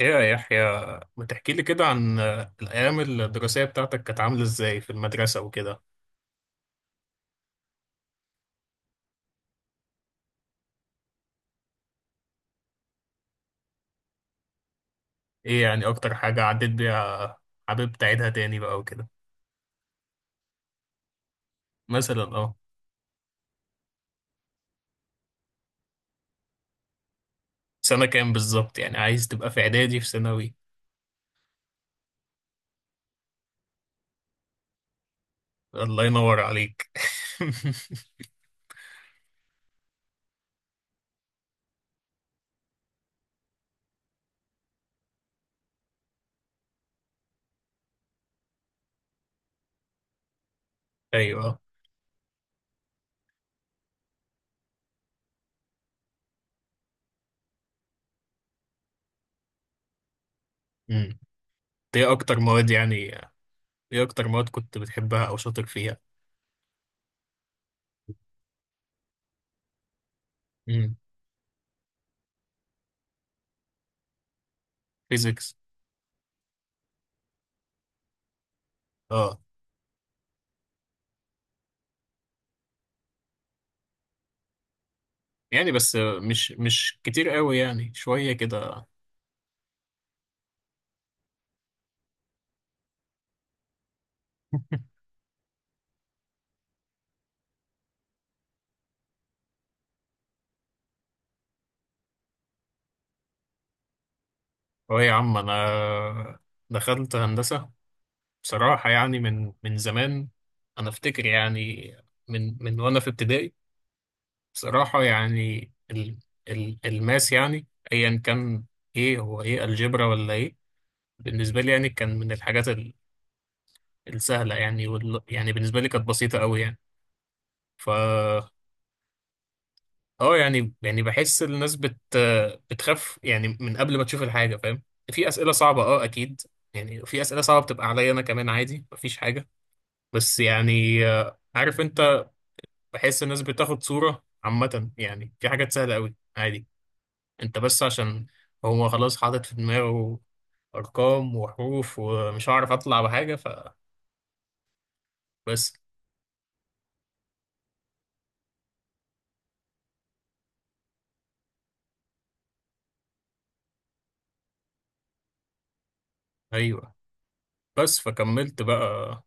ايه يا يحيى، ما تحكي لي كده عن الايام الدراسيه بتاعتك كانت عامله ازاي في المدرسه وكده؟ ايه يعني اكتر حاجه عديت بيها؟ حابب تعيدها تاني بقى وكده؟ مثلا سنه كام بالظبط؟ يعني عايز تبقى في اعدادي في ثانوي؟ الله ينور عليك. ايوه. امم ايه اكتر مواد يعني؟ ايه اكتر مواد كنت بتحبها او شاطر فيها؟ امم فيزيكس؟ اه يعني بس، مش كتير قوي، يعني شويه كده. اه يا عم، انا دخلت هندسة بصراحة، يعني من زمان. انا افتكر يعني، من وانا في ابتدائي. بصراحة يعني، ال الماس يعني ايا كان، ايه هو، ايه الجبرا ولا ايه؟ بالنسبة لي يعني كان من الحاجات السهلة، يعني وال، يعني بالنسبة لي كانت بسيطة قوي يعني. فا اه يعني، بحس الناس بتخاف يعني من قبل ما تشوف الحاجة، فاهم؟ في أسئلة صعبة اكيد. يعني في أسئلة صعبة بتبقى عليا انا كمان، عادي مفيش حاجة. بس يعني عارف انت، بحس الناس بتاخد صورة عامة، يعني في حاجات سهلة قوي عادي. انت بس عشان هو خلاص حاطط في دماغه ارقام وحروف، ومش هعرف اطلع بحاجة، فبس. ايوه. بس فكملت بقى.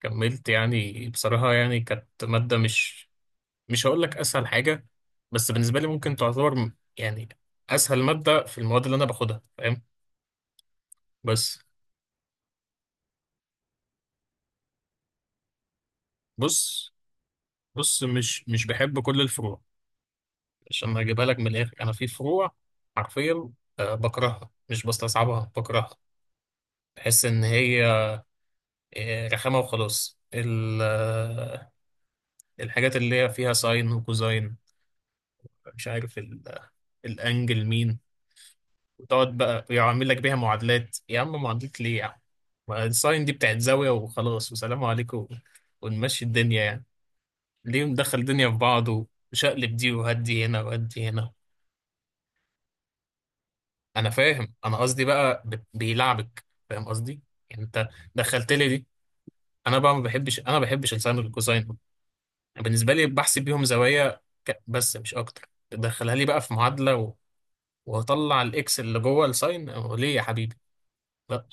كملت يعني بصراحة، يعني كانت مادة مش، هقول لك اسهل حاجة. بس بالنسبة لي ممكن تعتبر يعني اسهل مادة في المواد اللي انا باخدها، فاهم؟ بس. بص بص، مش بحب كل الفروع. عشان ما اجيبها لك من الاخر، انا في فروع حرفيا بكرهها، مش بستصعبها، بكرهها. بحس ان هي رخامه وخلاص. الحاجات اللي هي فيها ساين وكوزاين. مش عارف الانجل مين. وتقعد بقى يعمل لك بيها معادلات. يا عم، معادلات ليه يا عم؟ ما الساين دي بتاعت زاويه وخلاص وسلام عليكم، ونمشي الدنيا يعني. ليه مدخل الدنيا في بعض؟ وشقلب دي، وهدي هنا وهدي هنا. انا فاهم، انا قصدي بقى بيلعبك، فاهم قصدي؟ يعني انت دخلت لي دي. انا بقى ما بحبش، ما بحبش الساين والكوساين. بالنسبه لي بحسب بيهم زوايا بس مش اكتر. تدخلها لي بقى في معادله و... وهطلع الاكس اللي جوه الساين، أو ليه يا حبيبي؟ لا،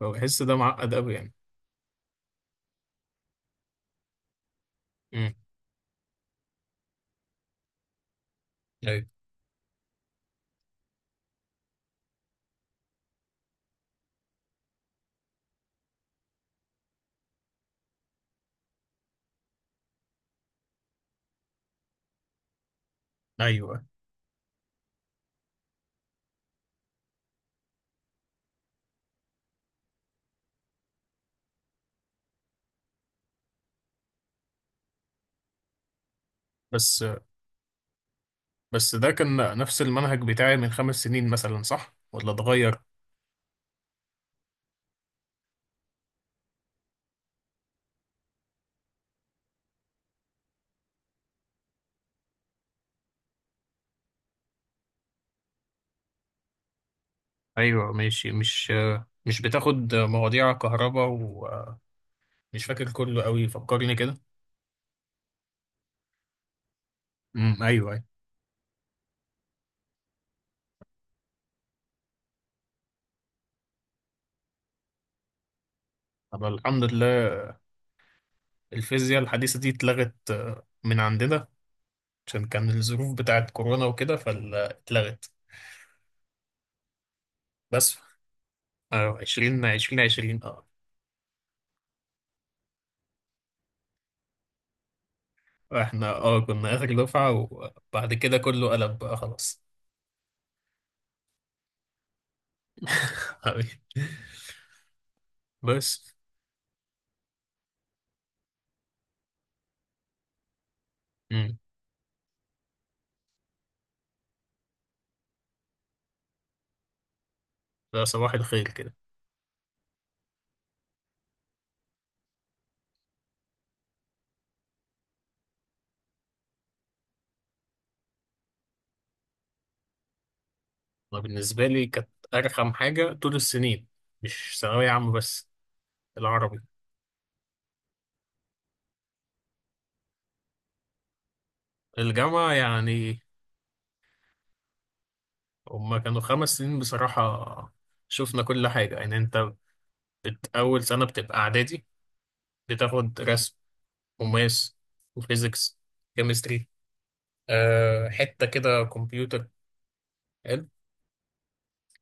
بحس ده معقد قوي يعني. امم، ايوه ايوه. بس بس ده كان نفس المنهج بتاعي من 5 سنين مثلا، صح ولا اتغير؟ ايوه ماشي. مش بتاخد مواضيع كهرباء، ومش فاكر كله قوي، فكرني كده. امم، ايوه ايوه. طب الحمد لله. الفيزياء الحديثة دي اتلغت من عندنا. عشان كان الظروف بتاعت كورونا وكده، فاتلغت بس. عشرين عشرين عشرين احنا كنا آخر دفعة، وبعد كده كله قلب بقى خلاص. حبيبي بس. امم ده صباح الخير كده. أنا بالنسبة لي كانت أرخم حاجة طول السنين، مش ثانوية عامة بس، العربي. الجامعة يعني، هما كانوا 5 سنين بصراحة، شفنا كل حاجة يعني. انت أول سنة بتبقى إعدادي، بتاخد رسم وماس وفيزيكس كيمستري، حتة كده كمبيوتر، حلو.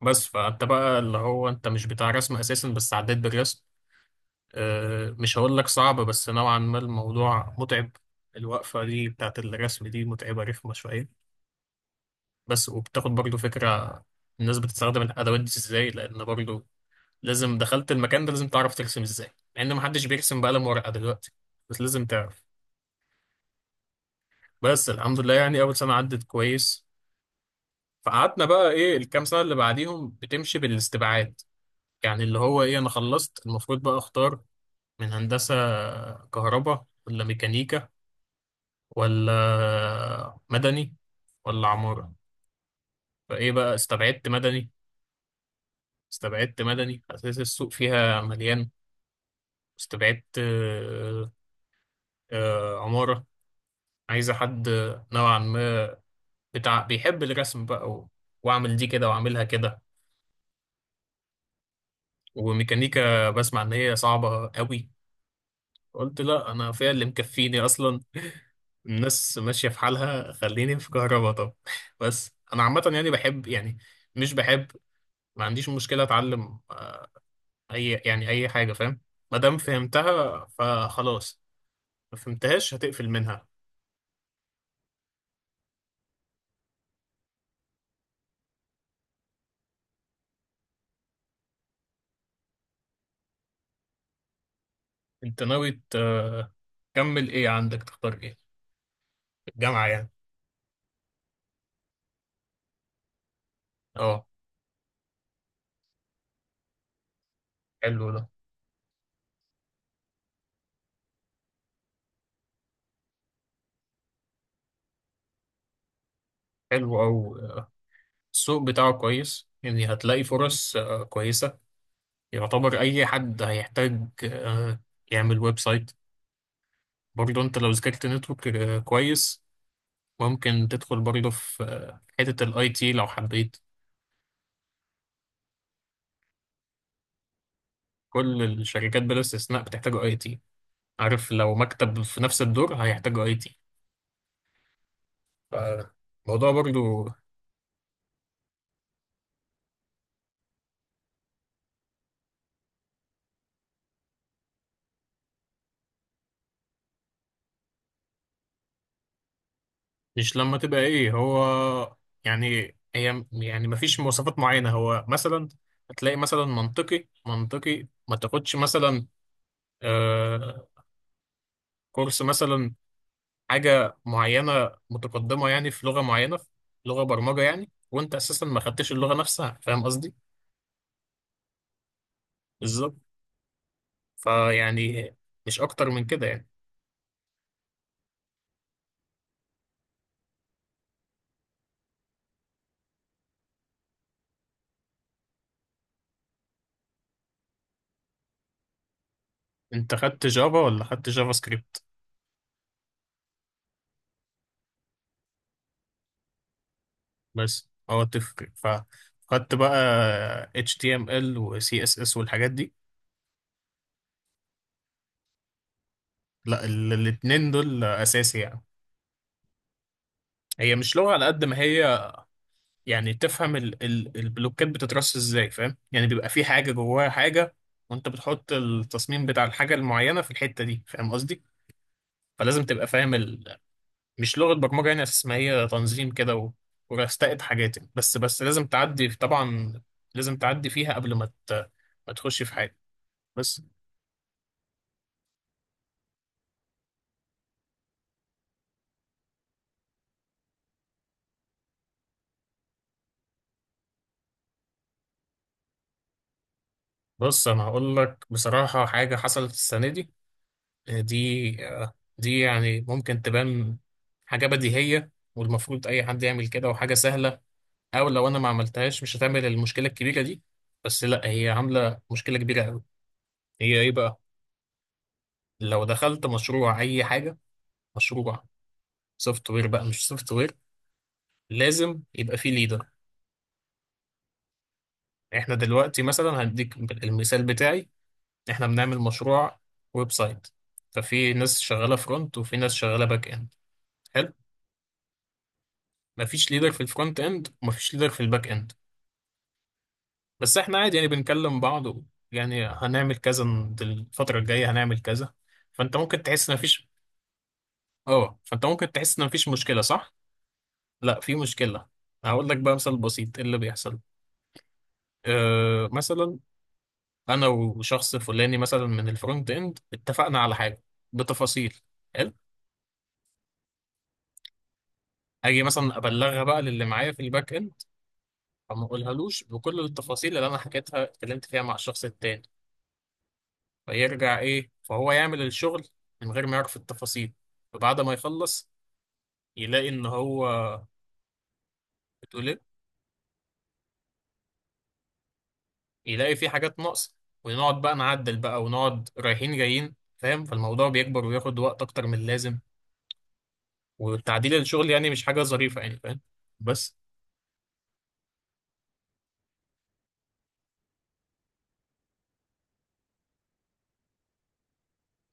بس فأنت بقى اللي هو، أنت مش بتاع رسم أساسا، بس عديت بالرسم. مش هقول لك صعب، بس نوعا ما الموضوع متعب. الوقفة دي بتاعت الرسم دي متعبة، رخمة شوية. بس وبتاخد برضو فكرة الناس بتستخدم الأدوات دي ازاي، لأن برضو لازم، دخلت المكان ده لازم تعرف ترسم ازاي، مع ان محدش بيرسم بقلم ورقه دلوقتي، بس لازم تعرف. بس الحمد لله يعني، اول سنه عدت كويس. فقعدنا بقى، ايه؟ الكام سنه اللي بعديهم بتمشي بالاستبعاد. يعني اللي هو ايه، انا خلصت، المفروض بقى اختار من هندسه، كهرباء ولا ميكانيكا، ولا مدني، ولا عماره. فايه بقى، استبعدت مدني. استبعدت مدني، اساس السوق فيها مليان. استبعدت عماره. عايزه حد نوعا ما، بتاع بيحب الرسم بقى و... واعمل دي كده واعملها كده. وميكانيكا بسمع ان هي صعبة قوي، قلت لا، انا فيها اللي مكفيني اصلا. الناس ماشية في حالها، خليني في كهربا طب. بس انا عامة يعني بحب، يعني مش بحب. ما عنديش مشكلة اتعلم اي، اي حاجة، فاهم؟ ما دام فهمتها فخلاص. ما فهمتهاش هتقفل منها. انت ناوي تكمل ايه؟ عندك تختار ايه؟ الجامعة يعني. اه. حلو ده، حلو أوي. السوق بتاعه كويس يعني، هتلاقي فرص كويسة. يعتبر أي حد هيحتاج يعمل ويب سايت. برضه أنت لو ذاكرت نتورك كويس، ممكن تدخل برضه في حتة الأي تي لو حبيت. كل الشركات بلا استثناء بتحتاج أي تي. عارف؟ لو مكتب في نفس الدور هيحتاج أي تي. فالموضوع برضه. مش لما تبقى إيه هو، يعني هي يعني، مفيش مواصفات معينة، هو مثلا هتلاقي مثلا منطقي، منطقي ما تاخدش مثلا آه، كورس مثلا، حاجة معينة متقدمة يعني في لغة معينة، في لغة برمجة يعني، وانت اساسا ما خدتش اللغة نفسها، فاهم قصدي؟ بالظبط. فيعني مش اكتر من كده يعني. انت خدت جافا ولا خدت جافا سكريبت؟ بس هو تفرق، فخدت بقى HTML و CSS والحاجات دي؟ لا، الاتنين دول اساسي يعني. هي مش لغة على قد ما هي يعني تفهم ال البلوكات بتترص ازاي، فاهم؟ يعني بيبقى في حاجة جواها حاجة. وانت بتحط التصميم بتاع الحاجة المعينة في الحتة دي، فاهم قصدي؟ فلازم تبقى فاهم مش لغة برمجة يعني، اساس ما هي تنظيم كده ورستقت حاجات يعني. بس لازم تعدي طبعا. لازم تعدي فيها قبل ما ما تخش في حاجة. بس. بص، انا هقول لك بصراحة حاجة حصلت السنة دي. دي يعني ممكن تبان حاجة بديهية، والمفروض أي حد يعمل كده، وحاجة سهلة. او لو انا ما عملتهاش مش هتعمل المشكله الكبيره دي. بس لا، هي عامله مشكله كبيره قوي. هي ايه بقى؟ لو دخلت مشروع اي حاجه، مشروع سوفت وير بقى، مش سوفت وير، لازم يبقى فيه ليدر. احنا دلوقتي مثلا هديك المثال بتاعي، احنا بنعمل مشروع ويب سايت. ففي ناس شغاله فرونت وفي ناس شغاله باك اند، حلو. مفيش ليدر في الفرونت اند ومفيش ليدر في الباك اند. بس احنا عادي يعني بنكلم بعض، يعني هنعمل كذا الفتره الجايه، هنعمل كذا. فانت ممكن تحس ان مفيش... اه فانت ممكن تحس ان مفيش مشكله، صح؟ لا، في مشكله. هقول لك بقى مثال بسيط ايه اللي بيحصل. مثلا انا وشخص فلاني مثلا من الفرونت اند، اتفقنا على حاجه بتفاصيل. حلو. اجي مثلا ابلغها بقى للي معايا في الباك اند، فما اقولهالوش بكل التفاصيل اللي انا حكيتها اتكلمت فيها مع الشخص التاني. فيرجع ايه، فهو يعمل الشغل من غير ما يعرف التفاصيل. فبعد ما يخلص، يلاقي ان هو بتقول ايه؟ يلاقي في حاجات ناقصة. ونقعد بقى نعدل بقى، ونقعد رايحين جايين، فاهم؟ فالموضوع بيكبر وياخد وقت أكتر من اللازم. والتعديل الشغل يعني مش حاجة ظريفة يعني، فاهم؟ بس.